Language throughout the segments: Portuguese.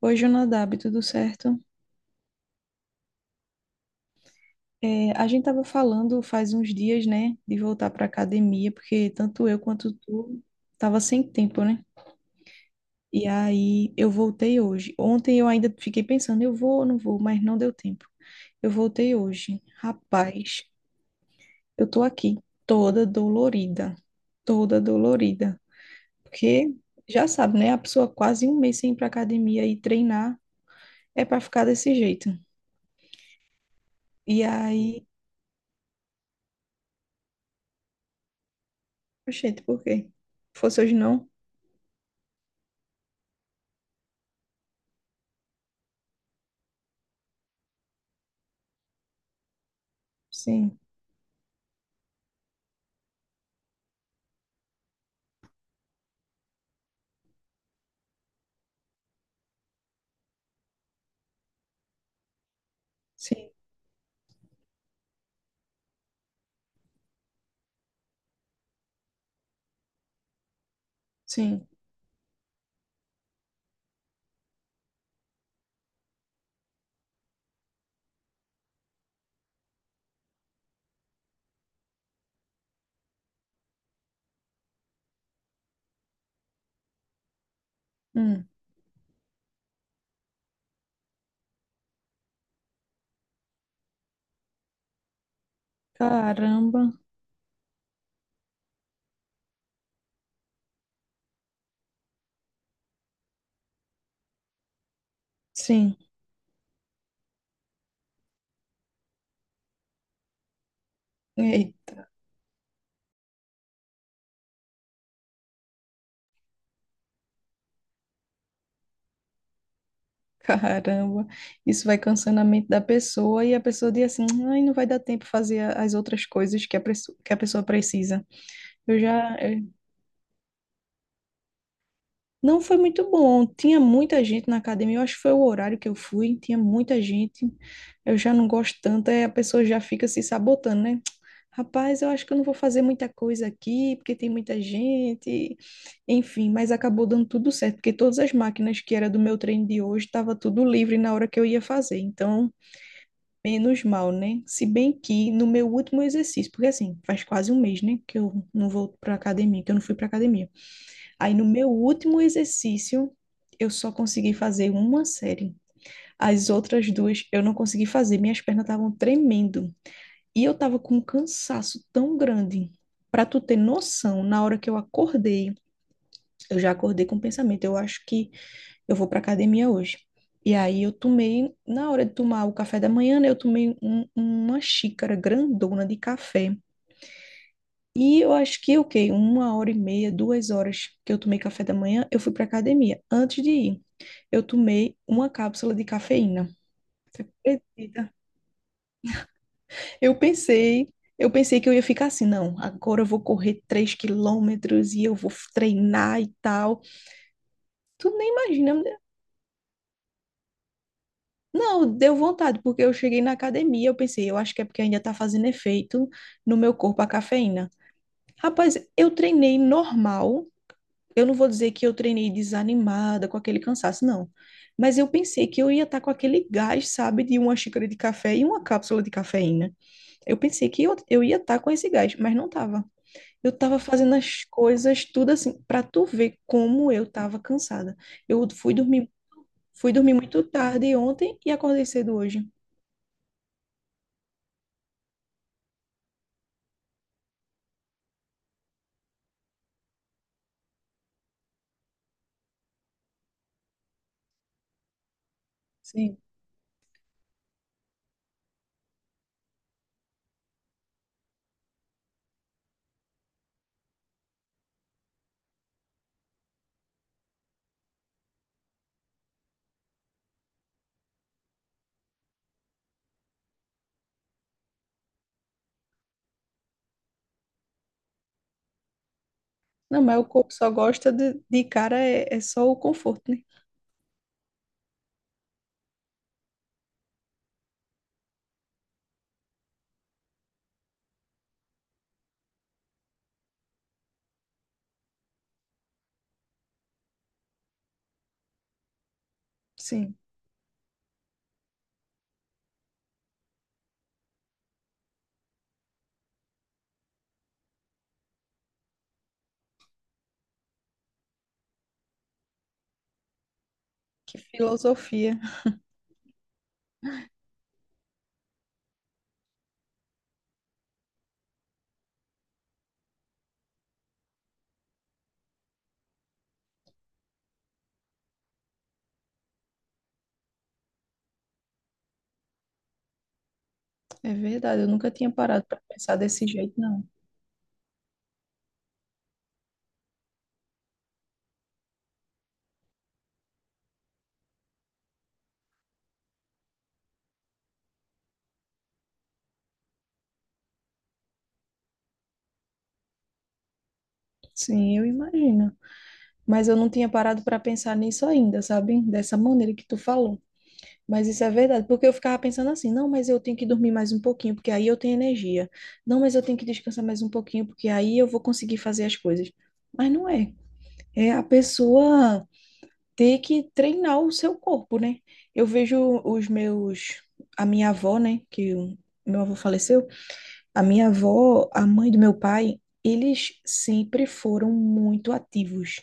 Oi, Jonadab, tudo certo? É, a gente estava falando faz uns dias, né, de voltar para academia, porque tanto eu quanto tu tava sem tempo, né? E aí eu voltei hoje. Ontem eu ainda fiquei pensando, eu vou ou não vou, mas não deu tempo. Eu voltei hoje. Rapaz, eu tô aqui toda dolorida, toda dolorida. Porque já sabe, né? A pessoa quase um mês sem ir pra academia e treinar é para ficar desse jeito. E aí, gente, por quê? Fosse hoje não. Sim, sim, sim. Hum, caramba, sim. Eita, caramba. Isso vai cansando a mente da pessoa e a pessoa diz assim, ai, não vai dar tempo fazer as outras coisas que a pessoa precisa. Eu já, eu Não foi muito bom. Tinha muita gente na academia. Eu acho que foi o horário que eu fui. Tinha muita gente. Eu já não gosto tanto. Aí a pessoa já fica se sabotando, né? Rapaz, eu acho que eu não vou fazer muita coisa aqui, porque tem muita gente. Enfim, mas acabou dando tudo certo, porque todas as máquinas que era do meu treino de hoje estava tudo livre na hora que eu ia fazer. Então, menos mal, né? Se bem que no meu último exercício, porque assim, faz quase um mês, né, que eu não volto para academia, que eu não fui para academia. Aí no meu último exercício, eu só consegui fazer uma série. As outras duas eu não consegui fazer, minhas pernas estavam tremendo. E eu tava com um cansaço tão grande. Pra tu ter noção, na hora que eu acordei, eu já acordei com o pensamento, eu acho que eu vou pra academia hoje. E aí eu tomei, na hora de tomar o café da manhã, né, eu tomei uma xícara grandona de café e eu acho que, o quê? 1 hora e meia, 2 horas que eu tomei café da manhã, eu fui para academia. Antes de ir, eu tomei uma cápsula de cafeína. Acredita? Eu pensei, eu pensei que eu ia ficar assim, não, agora eu vou correr 3 km e eu vou treinar e tal. Tu nem imagina, né? Não, deu vontade, porque eu cheguei na academia, eu pensei, eu acho que é porque ainda tá fazendo efeito no meu corpo a cafeína. Rapaz, eu treinei normal. Eu não vou dizer que eu treinei desanimada, com aquele cansaço, não. Mas eu pensei que eu ia estar com aquele gás, sabe, de uma xícara de café e uma cápsula de cafeína. Eu pensei que eu ia estar com esse gás, mas não estava. Eu estava fazendo as coisas tudo assim, para tu ver como eu estava cansada. Eu fui dormir muito tarde ontem e acordei cedo hoje. Sim. Não, mas o corpo só gosta de cara, é só o conforto, né? Sim. Que filosofia. É verdade, eu nunca tinha parado para pensar desse jeito, não. Sim, eu imagino. Mas eu não tinha parado para pensar nisso ainda, sabe? Dessa maneira que tu falou. Mas isso é verdade, porque eu ficava pensando assim, não, mas eu tenho que dormir mais um pouquinho, porque aí eu tenho energia. Não, mas eu tenho que descansar mais um pouquinho, porque aí eu vou conseguir fazer as coisas. Mas não é. É a pessoa ter que treinar o seu corpo, né? Eu vejo a minha avó, né, que o meu avô faleceu. A minha avó, a mãe do meu pai, eles sempre foram muito ativos,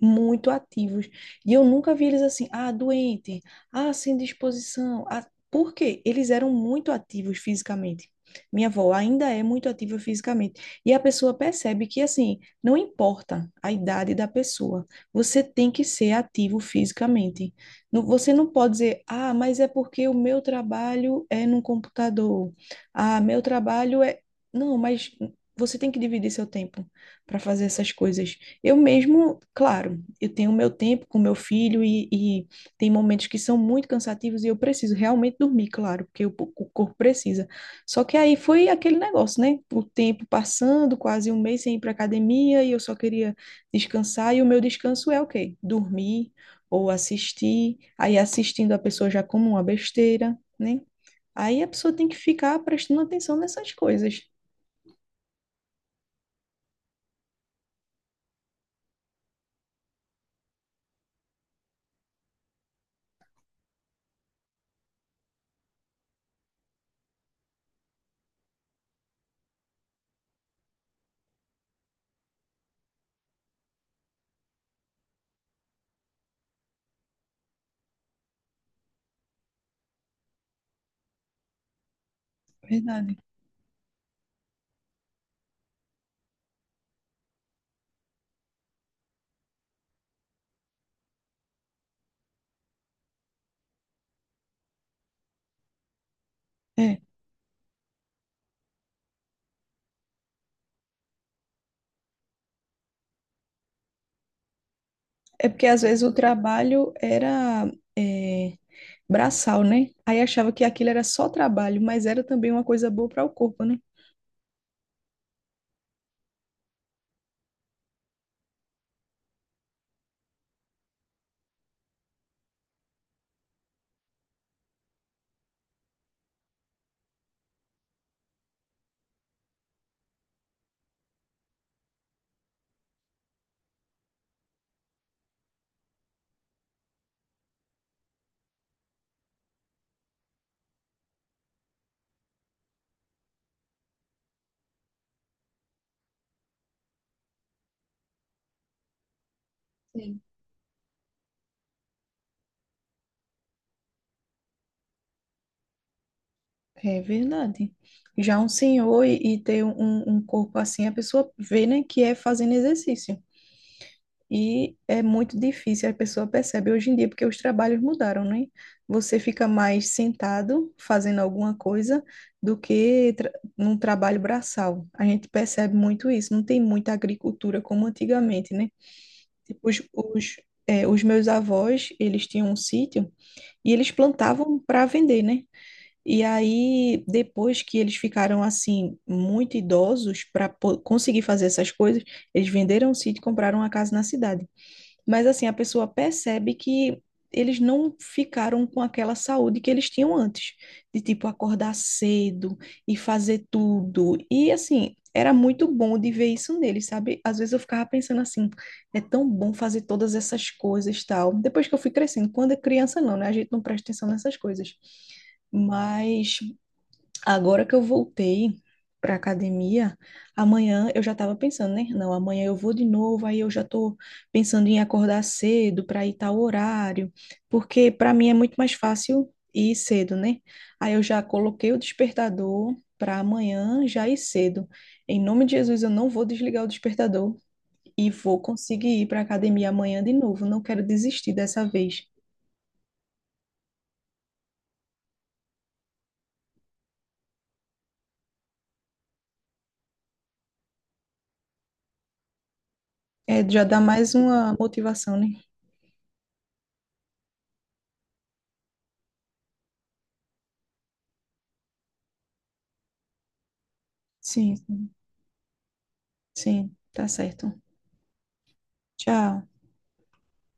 muito ativos. E eu nunca vi eles assim, ah, doente, ah, sem disposição. Ah, por quê? Eles eram muito ativos fisicamente. Minha avó ainda é muito ativa fisicamente. E a pessoa percebe que, assim, não importa a idade da pessoa, você tem que ser ativo fisicamente. Você não pode dizer, ah, mas é porque o meu trabalho é num computador. Ah, meu trabalho é. Não, mas você tem que dividir seu tempo para fazer essas coisas. Eu mesmo, claro, eu tenho meu tempo com meu filho e tem momentos que são muito cansativos e eu preciso realmente dormir, claro, porque o corpo precisa. Só que aí foi aquele negócio, né? O tempo passando, quase um mês sem ir para academia e eu só queria descansar e o meu descanso é o quê? Dormir ou assistir. Aí assistindo a pessoa já como uma besteira, né? Aí a pessoa tem que ficar prestando atenção nessas coisas. Verdade. É. É porque às vezes o trabalho era é, braçal, né? Aí achava que aquilo era só trabalho, mas era também uma coisa boa para o corpo, né? Sim. É verdade. Já um senhor e ter um corpo assim, a pessoa vê, né, que é fazendo exercício. E é muito difícil, a pessoa percebe hoje em dia, porque os trabalhos mudaram, né? Você fica mais sentado fazendo alguma coisa do que tra num trabalho braçal. A gente percebe muito isso, não tem muita agricultura como antigamente, né? Tipo, os meus avós, eles tinham um sítio e eles plantavam para vender, né? E aí, depois que eles ficaram assim, muito idosos para conseguir fazer essas coisas, eles venderam o sítio e compraram uma casa na cidade. Mas assim, a pessoa percebe que eles não ficaram com aquela saúde que eles tinham antes, de tipo acordar cedo e fazer tudo. E assim, era muito bom de ver isso neles, sabe? Às vezes eu ficava pensando assim, é tão bom fazer todas essas coisas, tal. Depois que eu fui crescendo, quando é criança não, né? A gente não presta atenção nessas coisas. Mas agora que eu voltei para academia, amanhã eu já estava pensando, né? Não, amanhã eu vou de novo, aí eu já estou pensando em acordar cedo para ir tal horário, porque para mim é muito mais fácil ir cedo, né? Aí eu já coloquei o despertador para amanhã já ir cedo. Em nome de Jesus, eu não vou desligar o despertador e vou conseguir ir para academia amanhã de novo. Não quero desistir dessa vez. É, já dá mais uma motivação, né? Sim, sim, tá certo. Tchau.